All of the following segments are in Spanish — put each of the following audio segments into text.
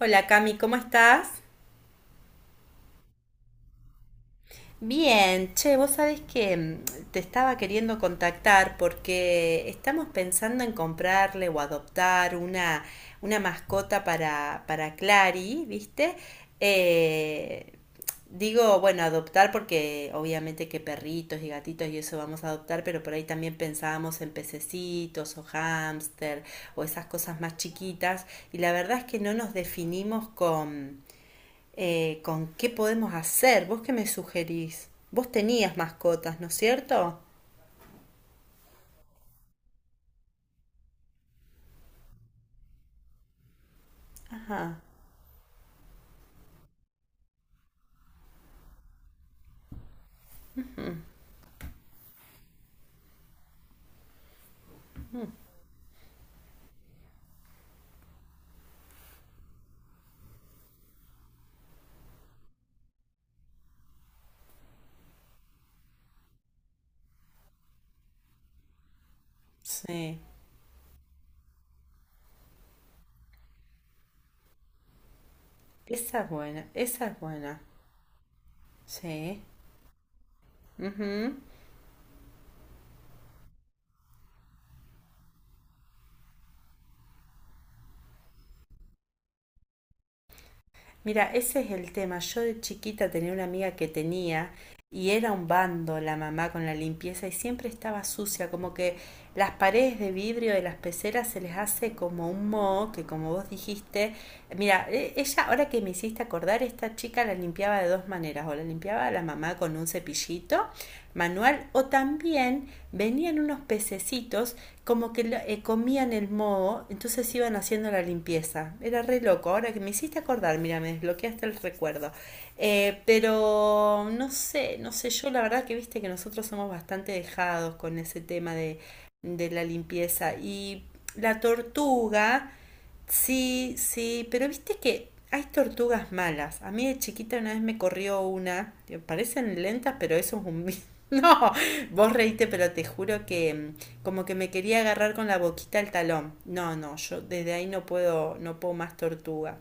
Hola Cami, ¿cómo estás? Bien, che, vos sabés que te estaba queriendo contactar porque estamos pensando en comprarle o adoptar una mascota para Clary, ¿viste? Eh, digo, bueno, adoptar porque obviamente que perritos y gatitos y eso vamos a adoptar, pero por ahí también pensábamos en pececitos o hámster o esas cosas más chiquitas, y la verdad es que no nos definimos con con qué podemos hacer. ¿Vos qué me sugerís? Vos tenías mascotas, ¿no es cierto? Ajá, sí. Esa es buena, esa es buena. Sí. Ujú. Mira, ese es el tema. Yo de chiquita tenía una amiga que tenía, y era un bando la mamá con la limpieza y siempre estaba sucia, como que las paredes de vidrio de las peceras se les hace como un moho, que, como vos dijiste, mira, ella, ahora que me hiciste acordar, esta chica la limpiaba de 2 maneras: o la limpiaba la mamá con un cepillito manual, o también venían unos pececitos como que comían el moho, entonces iban haciendo la limpieza. Era re loco, ahora que me hiciste acordar, mira, me desbloqueaste el recuerdo. Pero no sé, yo la verdad que viste que nosotros somos bastante dejados con ese tema de la limpieza y la tortuga. Sí, sí, pero viste que hay tortugas malas. A mí de chiquita una vez me corrió una. Que Parecen lentas, pero eso es un... No, vos reíste, pero te juro que como que me quería agarrar con la boquita al talón. No, no, yo desde ahí no puedo, no puedo más tortuga.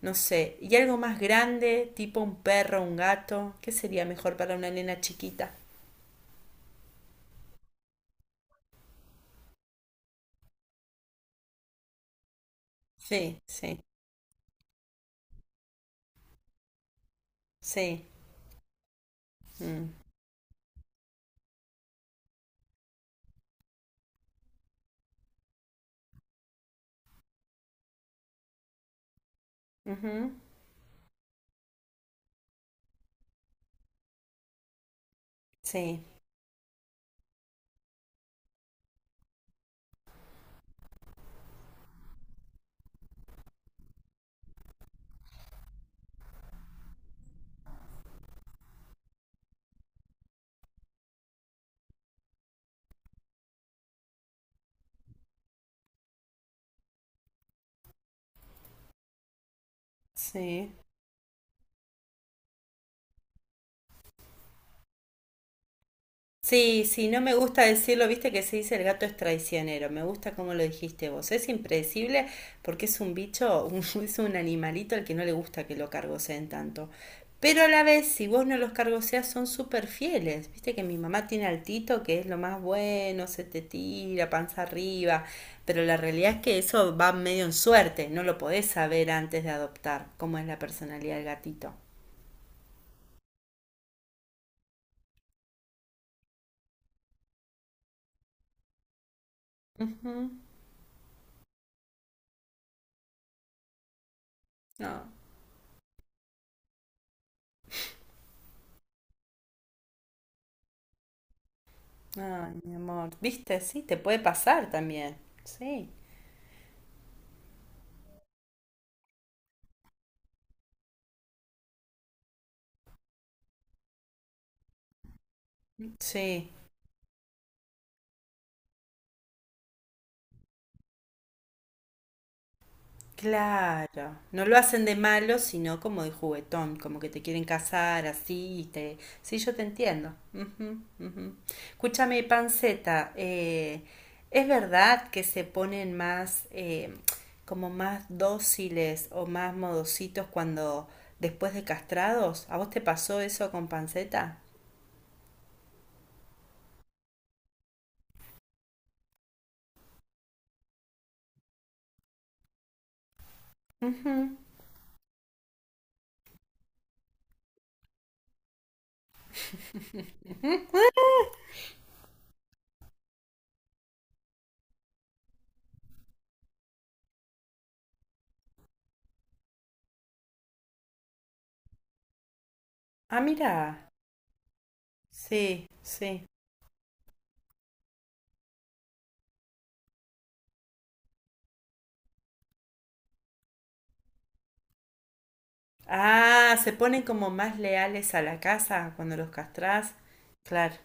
No sé, y algo más grande, tipo un perro, un gato, ¿qué sería mejor para una nena chiquita? Sí, sí, sí. mm, ujú, sí, sí. Sí, sí, no me gusta decirlo, viste que se dice el gato es traicionero, me gusta cómo lo dijiste vos. Es impredecible porque es un bicho, es un animalito al que no le gusta que lo cargoseen tanto. Pero a la vez, si vos no los cargoseás, son súper fieles. Viste que mi mamá tiene al Tito, que es lo más bueno, se te tira panza arriba. Pero la realidad es que eso va medio en suerte, no lo podés saber antes de adoptar cómo es la personalidad del gatito. Ujú. No. Ay, mi amor, viste, sí, te puede pasar también. Sí, sí, claro. No lo hacen de malo, sino como de juguetón, como que te quieren casar así, y te... Sí, yo te entiendo. Ujú, ujú. Escúchame, Panceta, ¿es verdad que se ponen más, como más dóciles o más modositos cuando, después de castrados? ¿A vos te pasó eso con Panceta? Ujú. Ah, mira. Sí, sí. Ah, se ponen como más leales a la casa cuando los castrás. Claro.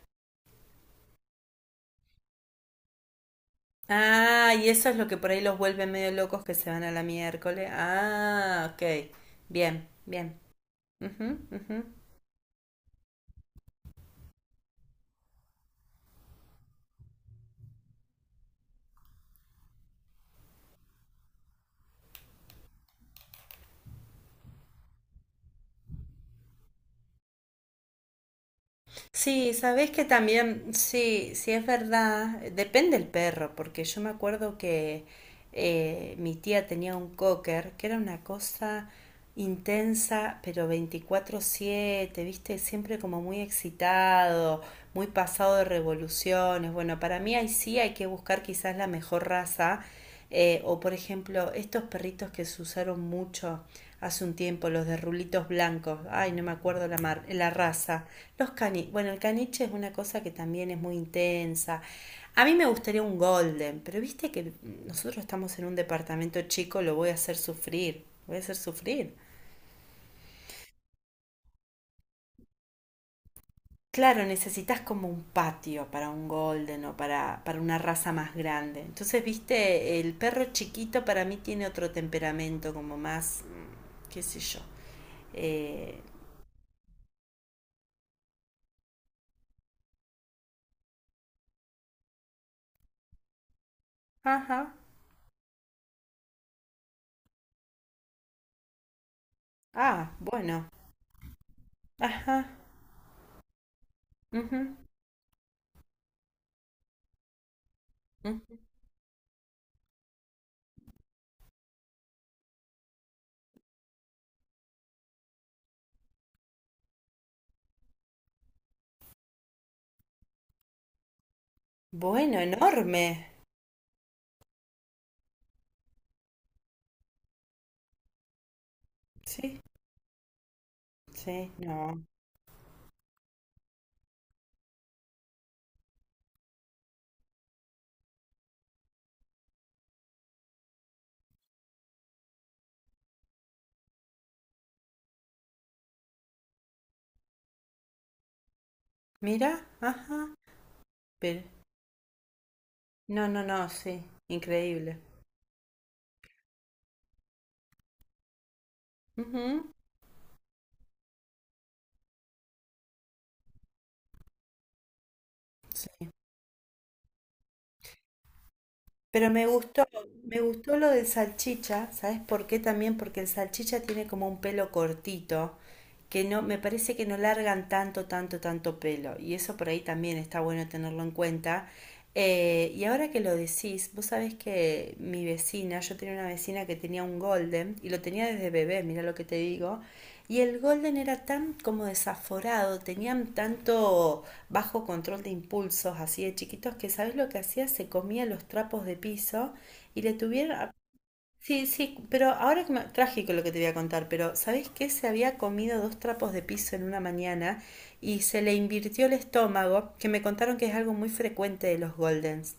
Ah, y eso es lo que por ahí los vuelve medio locos, que se van a la miércoles. Ah, ok. Bien, bien. Ujú, ujú. Sí, sabes que también, sí, sí es verdad, depende el perro, porque yo me acuerdo que mi tía tenía un cocker, que era una cosa intensa, pero 24/7, viste, siempre como muy excitado, muy pasado de revoluciones. Bueno, para mí ahí sí hay que buscar quizás la mejor raza, o por ejemplo, estos perritos que se usaron mucho hace un tiempo, los de rulitos blancos, ay, no me acuerdo la la raza. Los cani, bueno, el caniche es una cosa que también es muy intensa. A mí me gustaría un golden, pero viste que nosotros estamos en un departamento chico, lo voy a hacer sufrir, voy a hacer sufrir. Claro, necesitas como un patio para un golden o para una raza más grande. Entonces, viste, el perro chiquito para mí tiene otro temperamento, como más, qué sé yo. Eh, ajá, ah, bueno, ajá, ujú, ujú. Bueno, enorme. Sí, sí, no. Mira, ajá. Pero no, no, no, sí. Increíble. Ujú, sí. Pero me gustó lo del salchicha, ¿sabes por qué también? Porque el salchicha tiene como un pelo cortito, que no, me parece que no largan tanto, tanto, tanto pelo. Y eso por ahí también está bueno tenerlo en cuenta. Y ahora que lo decís, vos sabés que mi vecina, yo tenía una vecina que tenía un golden y lo tenía desde bebé, mira lo que te digo. Y el Golden era tan como desaforado, tenían tanto bajo control de impulsos así de chiquitos, que ¿sabes lo que hacía? Se comía los trapos de piso y le tuvieron... Sí, sí, pero ahora trágico lo que te voy a contar, pero ¿sabes qué? Se había comido 2 trapos de piso en una mañana y se le invirtió el estómago, que me contaron que es algo muy frecuente de los Goldens.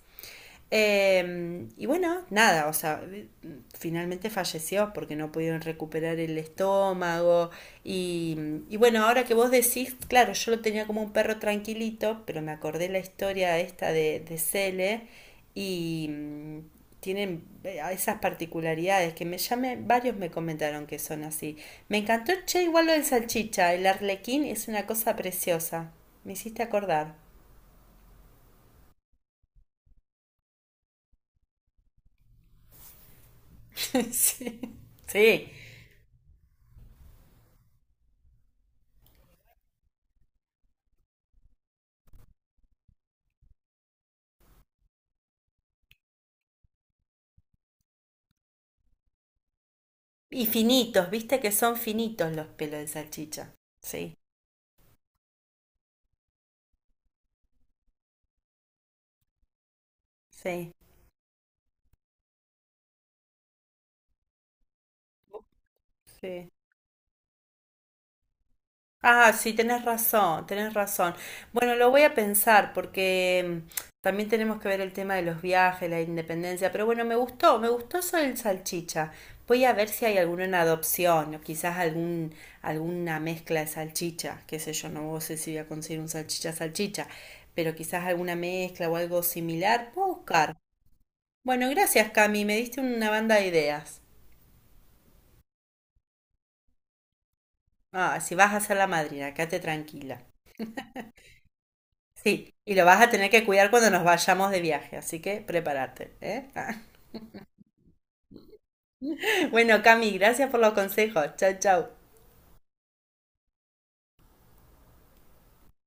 Y bueno, nada, o sea, finalmente falleció porque no pudieron recuperar el estómago. Y, y bueno, ahora que vos decís, claro, yo lo tenía como un perro tranquilito, pero me acordé la historia esta de Cele, y tienen esas particularidades, que me llame, varios me comentaron que son así. Me encantó, che, igual lo del salchicha, el arlequín es una cosa preciosa. Me hiciste acordar. Sí. Sí. Y finitos, viste que son finitos los pelos de salchicha. Sí, sí, sí. Ah, sí, tenés razón, tenés razón. Bueno, lo voy a pensar, porque también tenemos que ver el tema de los viajes, la independencia, pero bueno, me gustó eso del salchicha. Voy a ver si hay alguno en adopción, o quizás alguna mezcla de salchicha, qué sé yo, no, no sé si voy a conseguir un salchicha salchicha, pero quizás alguna mezcla o algo similar, puedo buscar. Bueno, gracias Cami, me diste una banda de ideas. Ah, si vas a ser la madrina, quédate tranquila. Sí, y lo vas a tener que cuidar cuando nos vayamos de viaje, así que prepárate, ¿eh? Bueno, Cami, gracias por los consejos. Chau, chau.